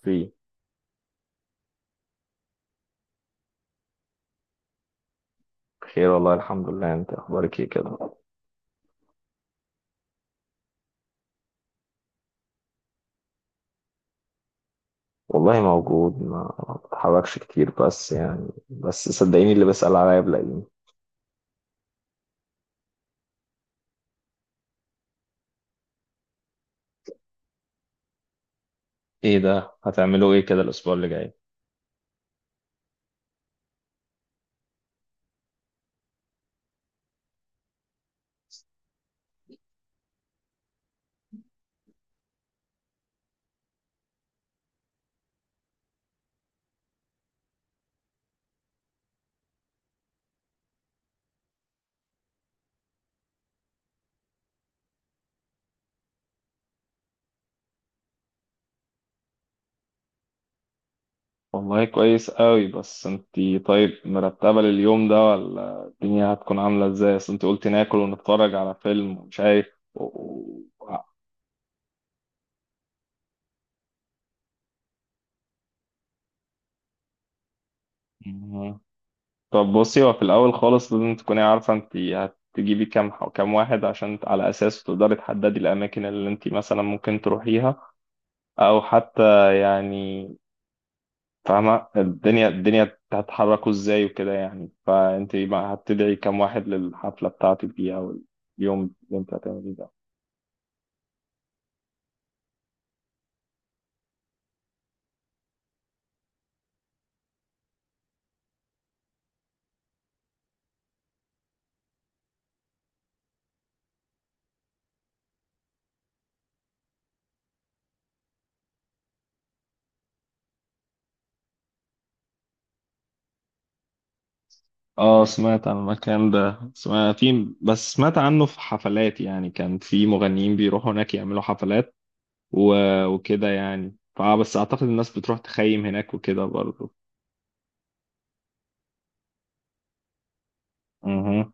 في خير والله الحمد لله. انت اخبارك ايه كده؟ والله موجود، ما بتحركش كتير، بس يعني بس صدقيني اللي بسأل عليا بلاقيني. ايه ده، هتعملوا ايه كده الاسبوع اللي جاي؟ والله كويس قوي. بس انتي طيب مرتبة لليوم ده ولا الدنيا هتكون عاملة ازاي؟ اصل انتي قلتي ناكل ونتفرج على فيلم ومش عارف و... و- مم. طب بصي، هو في الاول خالص لازم تكوني عارفة انتي هتجيبي كام واحد عشان على اساسه تقدري تحددي الاماكن اللي انتي مثلا ممكن تروحيها او حتى يعني فاهمة الدنيا هتحركوا ازاي وكده يعني. فانت بقى هتدعي كام واحد للحفلة بتاعتك دي او اليوم اللي انت هتعمليه ده؟ اه سمعت عن المكان ده، سمعت في بس سمعت عنه في حفلات يعني. كان في مغنيين بيروحوا هناك يعملوا حفلات و... وكده يعني. فبس اعتقد الناس بتروح تخيم هناك وكده برضه. اها،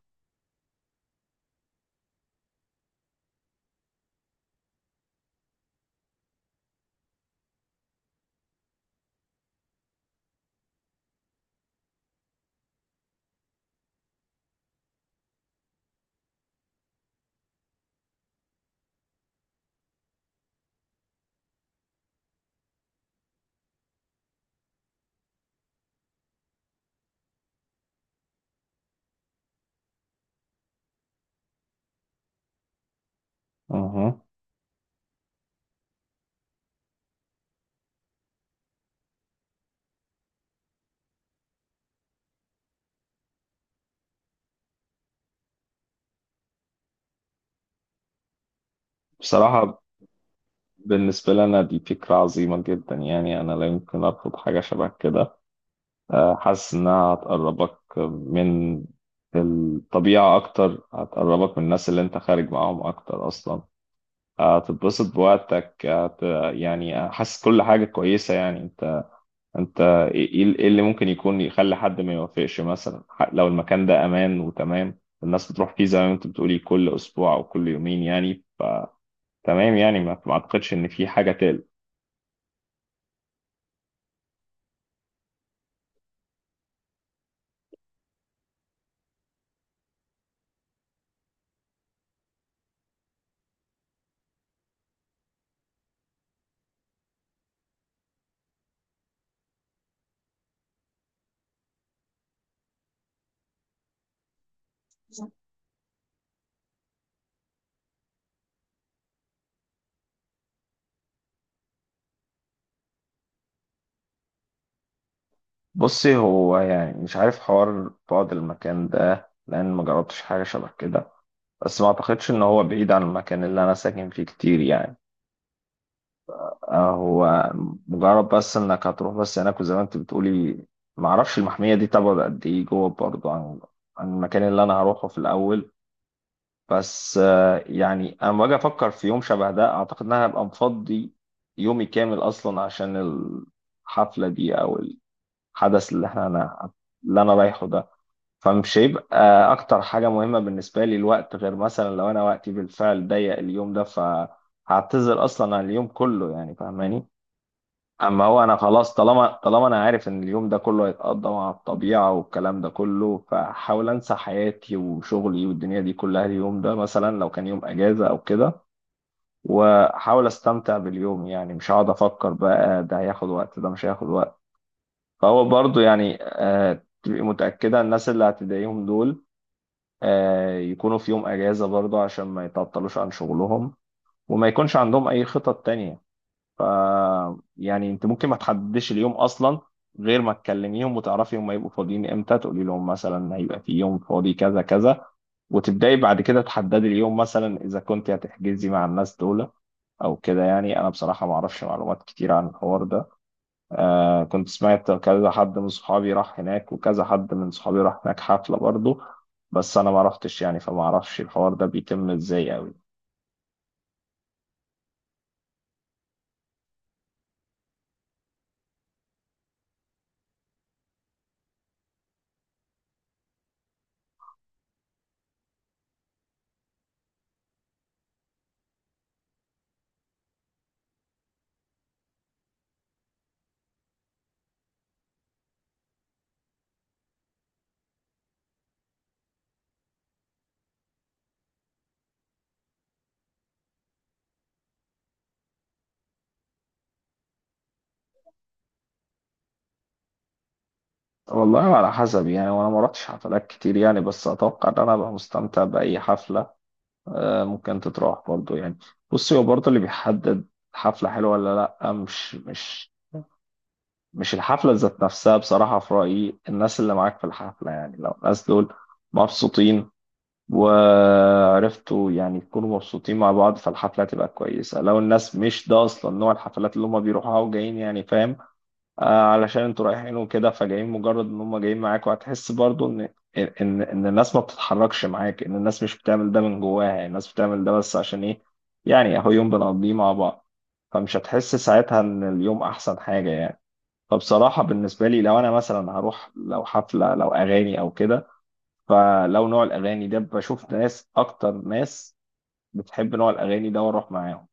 اها. بصراحة بالنسبة لنا دي فكرة عظيمة جدا، يعني أنا لا يمكن أرفض حاجة شبه كده. حاسس انها هتقربك من الطبيعة اكتر، هتقربك من الناس اللي انت خارج معاهم اكتر اصلا، هتتبسط بوقتك يعني حاسس كل حاجة كويسة. يعني انت ايه إيه اللي ممكن يكون يخلي حد ما يوافقش؟ مثلا لو المكان ده امان وتمام، الناس بتروح فيه زي ما انت بتقولي كل اسبوع او كل يومين يعني، فتمام. يعني ما اعتقدش ان في حاجة تقلق. بصي هو يعني مش عارف حوار بعد المكان ده لان ما جربتش حاجة شبه كده، بس ما اعتقدش ان هو بعيد عن المكان اللي انا ساكن فيه كتير يعني. هو مجرد بس انك هتروح بس هناك وزي ما انت بتقولي، ما اعرفش المحمية دي تبعد قد ايه جوه برضه عن المكان اللي انا هروحه في الاول. بس يعني انا لما باجي افكر في يوم شبه ده، اعتقد ان انا هبقى مفضي يومي كامل اصلا عشان الحفلة دي او الحدث اللي احنا أنا- اللي انا رايحه ده. فمش هيبقى اكتر حاجة مهمة بالنسبة لي الوقت، غير مثلا لو انا وقتي بالفعل ضيق اليوم ده فهعتذر اصلا عن اليوم كله يعني، فاهماني؟ اما هو انا خلاص، طالما انا عارف ان اليوم ده كله هيتقضى مع الطبيعة والكلام ده كله، فحاول انسى حياتي وشغلي والدنيا دي كلها اليوم ده، مثلا لو كان يوم اجازة او كده، واحاول استمتع باليوم. يعني مش هقعد افكر بقى ده هياخد وقت ده مش هياخد وقت. فهو برضو يعني تبقي متأكدة الناس اللي هتضايقهم دول يكونوا في يوم اجازه برضه عشان ما يتعطلوش عن شغلهم وما يكونش عندهم اي خطط تانية. ف يعني انت ممكن ما تحددش اليوم اصلا غير ما تكلميهم وتعرفي هم هيبقوا فاضيين امتى. تقولي لهم مثلا هيبقى في يوم فاضي كذا كذا، وتبداي بعد كده تحددي اليوم مثلا اذا كنت هتحجزي مع الناس دول او كده. يعني انا بصراحه ما اعرفش معلومات كتير عن الحوار ده. كنت سمعت كذا حد من صحابي راح هناك وكذا حد من صحابي راح هناك حفلة برضه، بس أنا ما رحتش يعني، فما أعرفش الحوار ده بيتم إزاي أوي. والله على حسب يعني. وأنا ما رحتش حفلات كتير يعني، بس أتوقع إن أنا أبقى مستمتع بأي حفلة. ممكن تتراح برضه يعني. بصي هو برضه اللي بيحدد حفلة حلوة ولا لأ، مش الحفلة ذات نفسها بصراحة، في رأيي الناس اللي معاك في الحفلة. يعني لو الناس دول مبسوطين وعرفتوا يعني يكونوا مبسوطين مع بعض فالحفلة هتبقى كويسة. لو الناس مش ده أصلا نوع الحفلات اللي هم بيروحوها وجايين يعني، فاهم، آه علشان انتوا رايحين وكده فجايين، مجرد إن هم جايين معاك، وهتحس برضو إن إن الناس ما بتتحركش معاك، إن الناس مش بتعمل ده من جواها، يعني الناس بتعمل ده بس عشان إيه، يعني أهو يوم بنقضيه مع بعض. فمش هتحس ساعتها إن اليوم أحسن حاجة يعني. فبصراحة بالنسبة لي لو أنا مثلا هروح لو حفلة لو أغاني أو كده، فلو نوع الاغاني ده بشوف ناس اكتر، ناس بتحب نوع الاغاني ده واروح معاهم،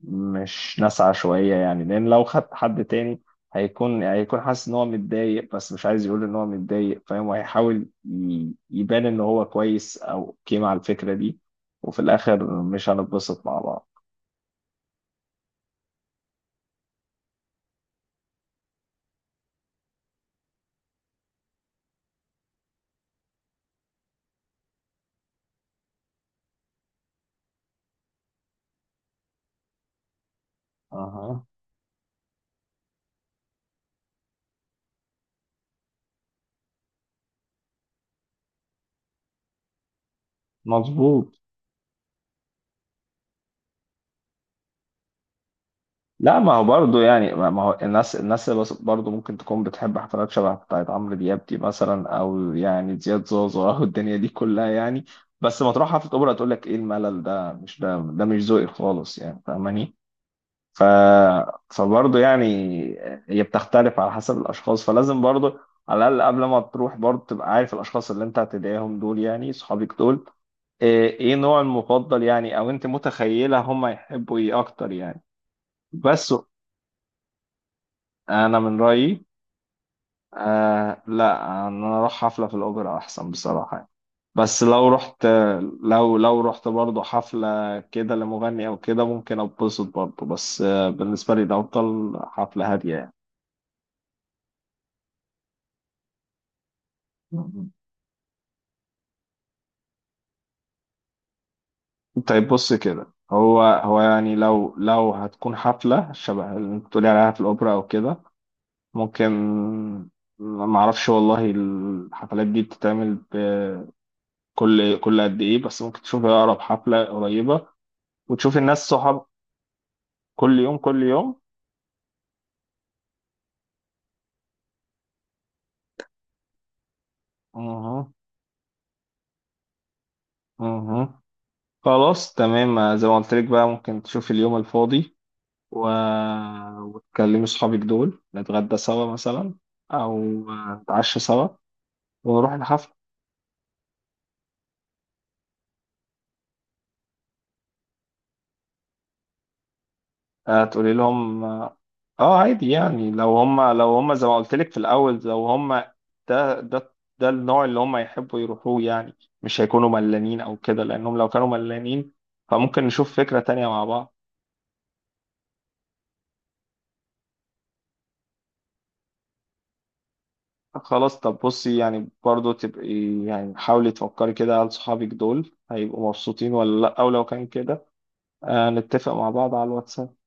مش ناس عشوائيه يعني. لان لو خدت حد تاني هيكون حاسس ان هو متضايق، بس مش عايز يقول ان هو متضايق، فاهم، وهيحاول يبان ان هو كويس او اوكي مع الفكره دي، وفي الاخر مش هنتبسط مع بعض. اها، مظبوط. لا، ما هو برضه يعني ما هو الناس اللي برضه ممكن تكون بتحب حفلات شبه بتاعت عمرو دياب دي مثلا، او يعني زياد زوزو او الدنيا دي كلها يعني، بس ما تروح حفله اوبرا تقول لك ايه الملل ده، مش ده مش ذوقي خالص يعني، فاهماني؟ ف فبرضه يعني هي بتختلف على حسب الاشخاص، فلازم برضه على الاقل قبل ما تروح برضه تبقى عارف الاشخاص اللي انت هتدعيهم دول، يعني صحابك دول إيه نوع المفضل يعني، او انت متخيله هم يحبوا ايه اكتر يعني. بس انا من رايي، لا، ان انا اروح حفله في الاوبرا احسن بصراحه يعني. بس لو رحت، لو رحت برضه حفله كده لمغني او كده، ممكن اتبسط برضه. بس بالنسبه لي ده افضل، حفله هاديه يعني. مم. طيب، بص كده، هو يعني لو هتكون حفله شبه اللي انت بتقولي عليها في الاوبرا او كده، ممكن. ما اعرفش والله الحفلات دي بتتعمل كل قد ايه، بس ممكن تشوف اقرب حفله قريبه وتشوف الناس صحاب. كل يوم، كل يوم. اها، اها، خلاص تمام. زي ما قلت لك بقى، ممكن تشوف اليوم الفاضي و... وتكلمي صحابك دول، نتغدى سوا مثلا او نتعشى سوا ونروح الحفلة. تقولي لهم اه. عادي يعني. لو هم زي ما قلت لك في الاول، لو هم ده ده النوع اللي هم يحبوا يروحوه يعني، مش هيكونوا ملانين او كده. لانهم لو كانوا ملانين فممكن نشوف فكرة تانية مع بعض. خلاص، طب بصي يعني برضه تبقي يعني حاولي تفكري كده، هل صحابك دول هيبقوا مبسوطين ولا لأ. أو لو كان كده نتفق مع بعض على الواتساب.